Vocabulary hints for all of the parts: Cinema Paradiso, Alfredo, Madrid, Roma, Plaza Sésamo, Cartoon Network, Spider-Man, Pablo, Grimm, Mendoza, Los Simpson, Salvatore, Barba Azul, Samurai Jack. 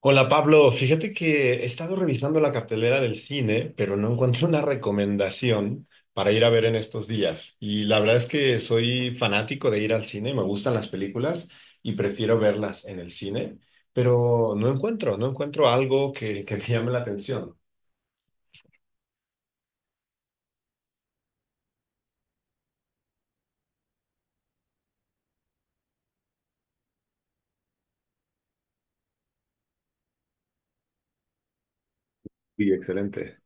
Hola Pablo, fíjate que he estado revisando la cartelera del cine, pero no encuentro una recomendación para ir a ver en estos días. Y la verdad es que soy fanático de ir al cine, me gustan las películas y prefiero verlas en el cine, pero no encuentro algo que me llame la atención. Sí, excelente.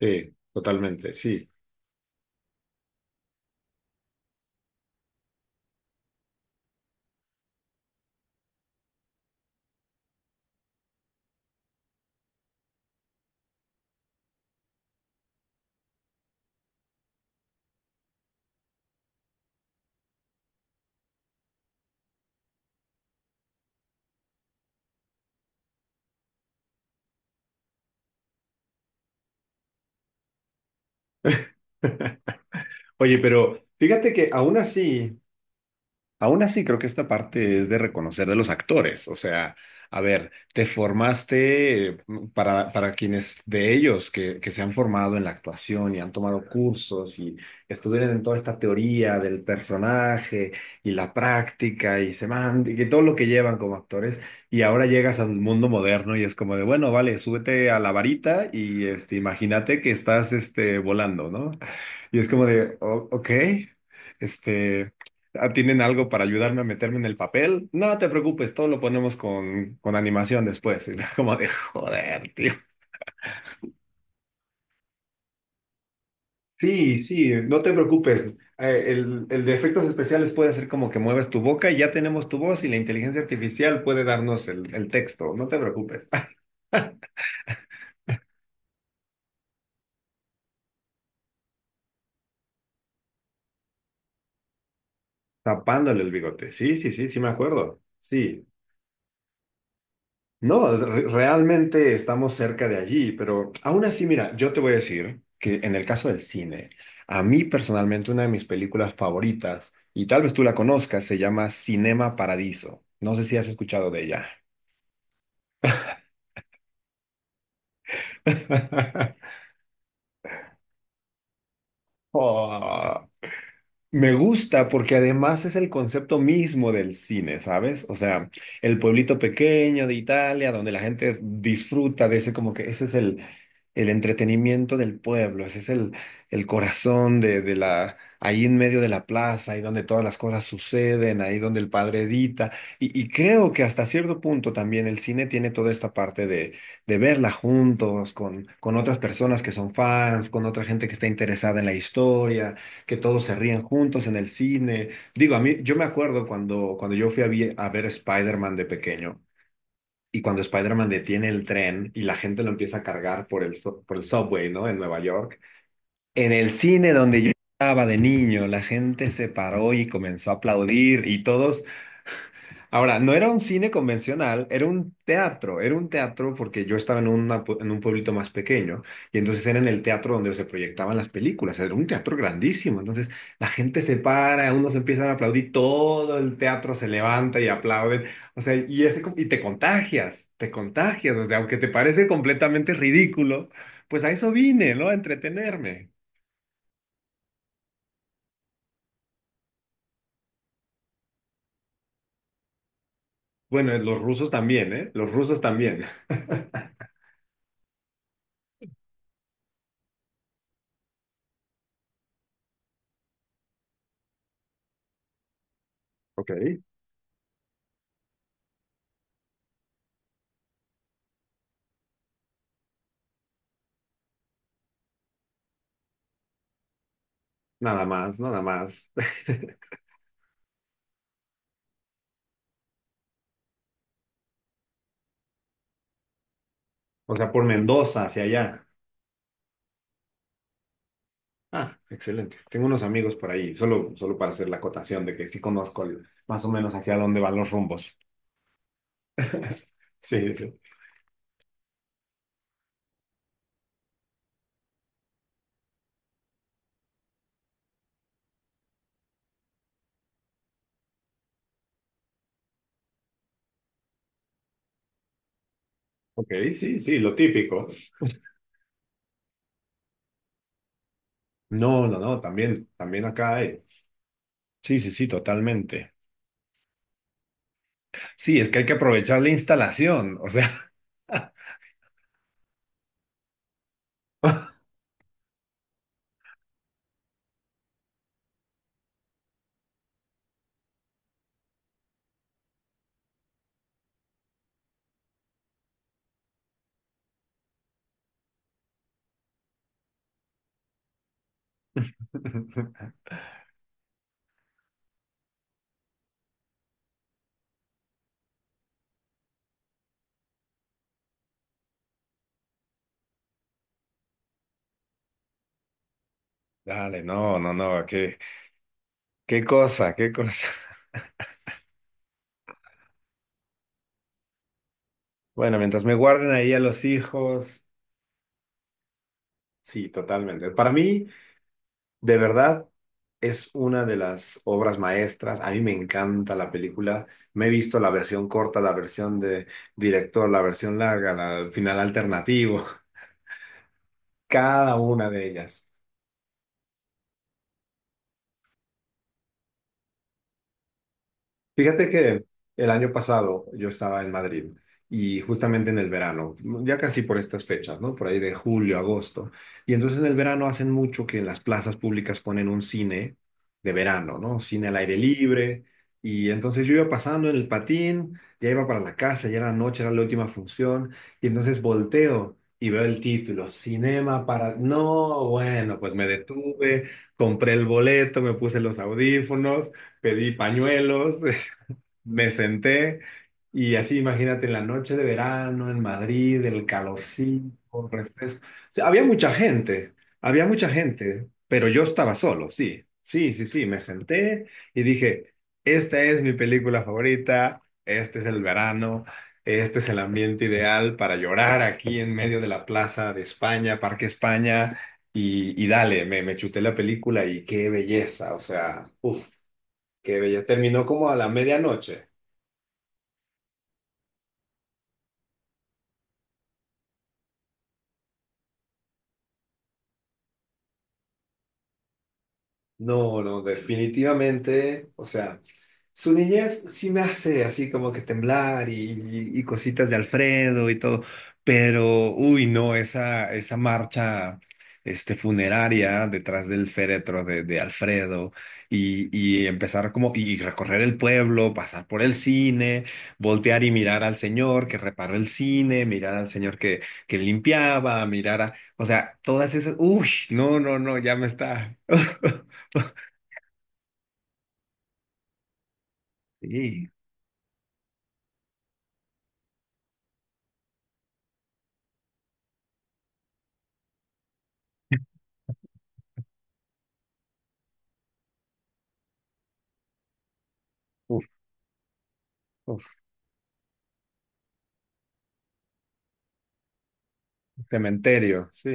Sí, totalmente, sí. Oye, pero fíjate que aún así... Aún así, creo que esta parte es de reconocer de los actores. O sea, a ver, te formaste para quienes de ellos que se han formado en la actuación y han tomado cursos y estuvieron en toda esta teoría del personaje y la práctica y y que todo lo que llevan como actores. Y ahora llegas al mundo moderno y es como de, bueno, vale, súbete a la varita y este, imagínate que estás este, volando, ¿no? Y es como de, ok. Este, ah, ¿tienen algo para ayudarme a meterme en el papel? No te preocupes, todo lo ponemos con animación después. Y como de joder, tío. Sí, sí, no te preocupes. El de efectos especiales puede hacer como que mueves tu boca y ya tenemos tu voz y la inteligencia artificial puede darnos el texto. No te preocupes. Tapándole el bigote. Sí, sí, sí, sí me acuerdo. Sí. No, realmente estamos cerca de allí, pero aún así, mira, yo te voy a decir que en el caso del cine, a mí personalmente una de mis películas favoritas, y tal vez tú la conozcas, se llama Cinema Paradiso. No sé si has escuchado de ella. Oh. Me gusta porque además es el concepto mismo del cine, ¿sabes? O sea, el pueblito pequeño de Italia, donde la gente disfruta de ese, como que ese es el entretenimiento del pueblo, ese es el corazón de la, ahí en medio de la plaza, ahí donde todas las cosas suceden, ahí donde el padre edita. Y creo que hasta cierto punto también el cine tiene toda esta parte de verla juntos, con otras personas que son fans, con otra gente que está interesada en la historia que todos se rían juntos en el cine. Digo, a mí, yo me acuerdo cuando yo fui a, a ver Spider-Man de pequeño y cuando Spider-Man detiene el tren y la gente lo empieza a cargar por por el subway, ¿no? En Nueva York. En el cine donde yo estaba de niño, la gente se paró y comenzó a aplaudir y todos. Ahora, no era un cine convencional, era un teatro porque yo estaba en, en un pueblito más pequeño y entonces era en el teatro donde se proyectaban las películas, era un teatro grandísimo, entonces la gente se para, unos empiezan a aplaudir, todo el teatro se levanta y aplauden, o sea, y, ese, y te contagias, o sea, aunque te parece completamente ridículo, pues a eso vine, ¿no? A entretenerme. Bueno, los rusos también, ¿eh? Los rusos también. Ok. Nada más, nada más. O sea, por Mendoza hacia allá. Ah, excelente. Tengo unos amigos por ahí, solo, solo para hacer la acotación de que sí conozco más o menos hacia dónde van los rumbos. Sí, sí. Ok, sí, sí, lo típico. No, no, no, también, también acá hay. Sí, sí, sí, totalmente. Sí, es que hay que aprovechar la instalación, o sea. Dale, no, no, no, qué, qué cosa, qué cosa. Bueno, mientras me guarden ahí a los hijos, sí, totalmente. Para mí. De verdad, es una de las obras maestras. A mí me encanta la película. Me he visto la versión corta, la versión de director, la versión larga, el final alternativo, cada una de ellas. Fíjate que el año pasado yo estaba en Madrid y justamente en el verano, ya casi por estas fechas, ¿no? Por ahí de julio, agosto. Y entonces en el verano hacen mucho que en las plazas públicas ponen un cine de verano, ¿no? Cine al aire libre. Y entonces yo iba pasando en el patín, ya iba para la casa, ya era noche, era la última función. Y entonces volteo y veo el título, Cinema para... No, bueno, pues me detuve, compré el boleto, me puse los audífonos, pedí pañuelos. Me senté y así, imagínate, en la noche de verano en Madrid, el calorcito, refresco. O sea, había mucha gente, pero yo estaba solo, sí, sí, sí, sí. Me senté y dije, esta es mi película favorita, este es el verano, este es el ambiente ideal para llorar aquí en medio de la plaza de España, Parque España, y dale, me chuté la película y qué belleza, o sea, uff, qué belleza. Terminó como a la medianoche. No, no, definitivamente, o sea, su niñez sí me hace así como que temblar y, y cositas de Alfredo y todo, pero uy, no, esa marcha este, funeraria detrás del féretro de Alfredo y empezar como, y recorrer el pueblo, pasar por el cine, voltear y mirar al señor que reparó el cine, mirar al señor que limpiaba, mirar a, o sea, todas esas, uy, no, no, no, ya me está. Sí. Uf, uf, cementerio, sí.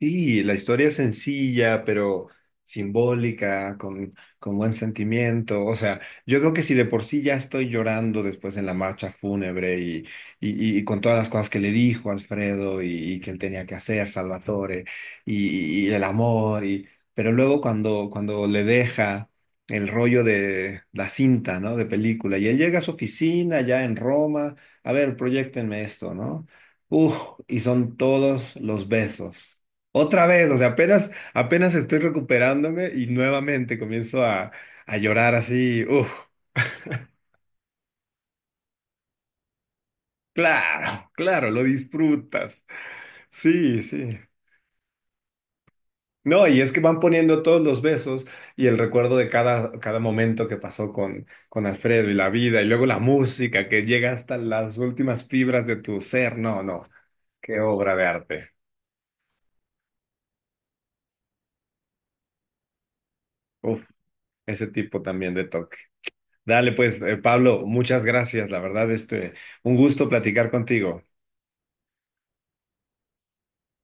Sí, la historia es sencilla, pero simbólica, con buen sentimiento. O sea, yo creo que si de por sí ya estoy llorando después en la marcha fúnebre y con todas las cosas que le dijo Alfredo y que él tenía que hacer, Salvatore, y el amor, y, pero luego cuando le deja el rollo de la cinta, ¿no? De película, y él llega a su oficina ya en Roma, a ver, proyectenme esto, ¿no? Uf, y son todos los besos. Otra vez, o sea, apenas, apenas estoy recuperándome y nuevamente comienzo a llorar así. Uf, claro, claro, lo disfrutas. Sí, sí. No, y es que van poniendo todos los besos y el recuerdo de cada, cada momento que pasó con Alfredo y la vida, y luego la música que llega hasta las últimas fibras de tu ser. No, no, qué obra de arte. Uf, ese tipo también de toque. Dale, pues, Pablo, muchas gracias. La verdad, este, un gusto platicar contigo.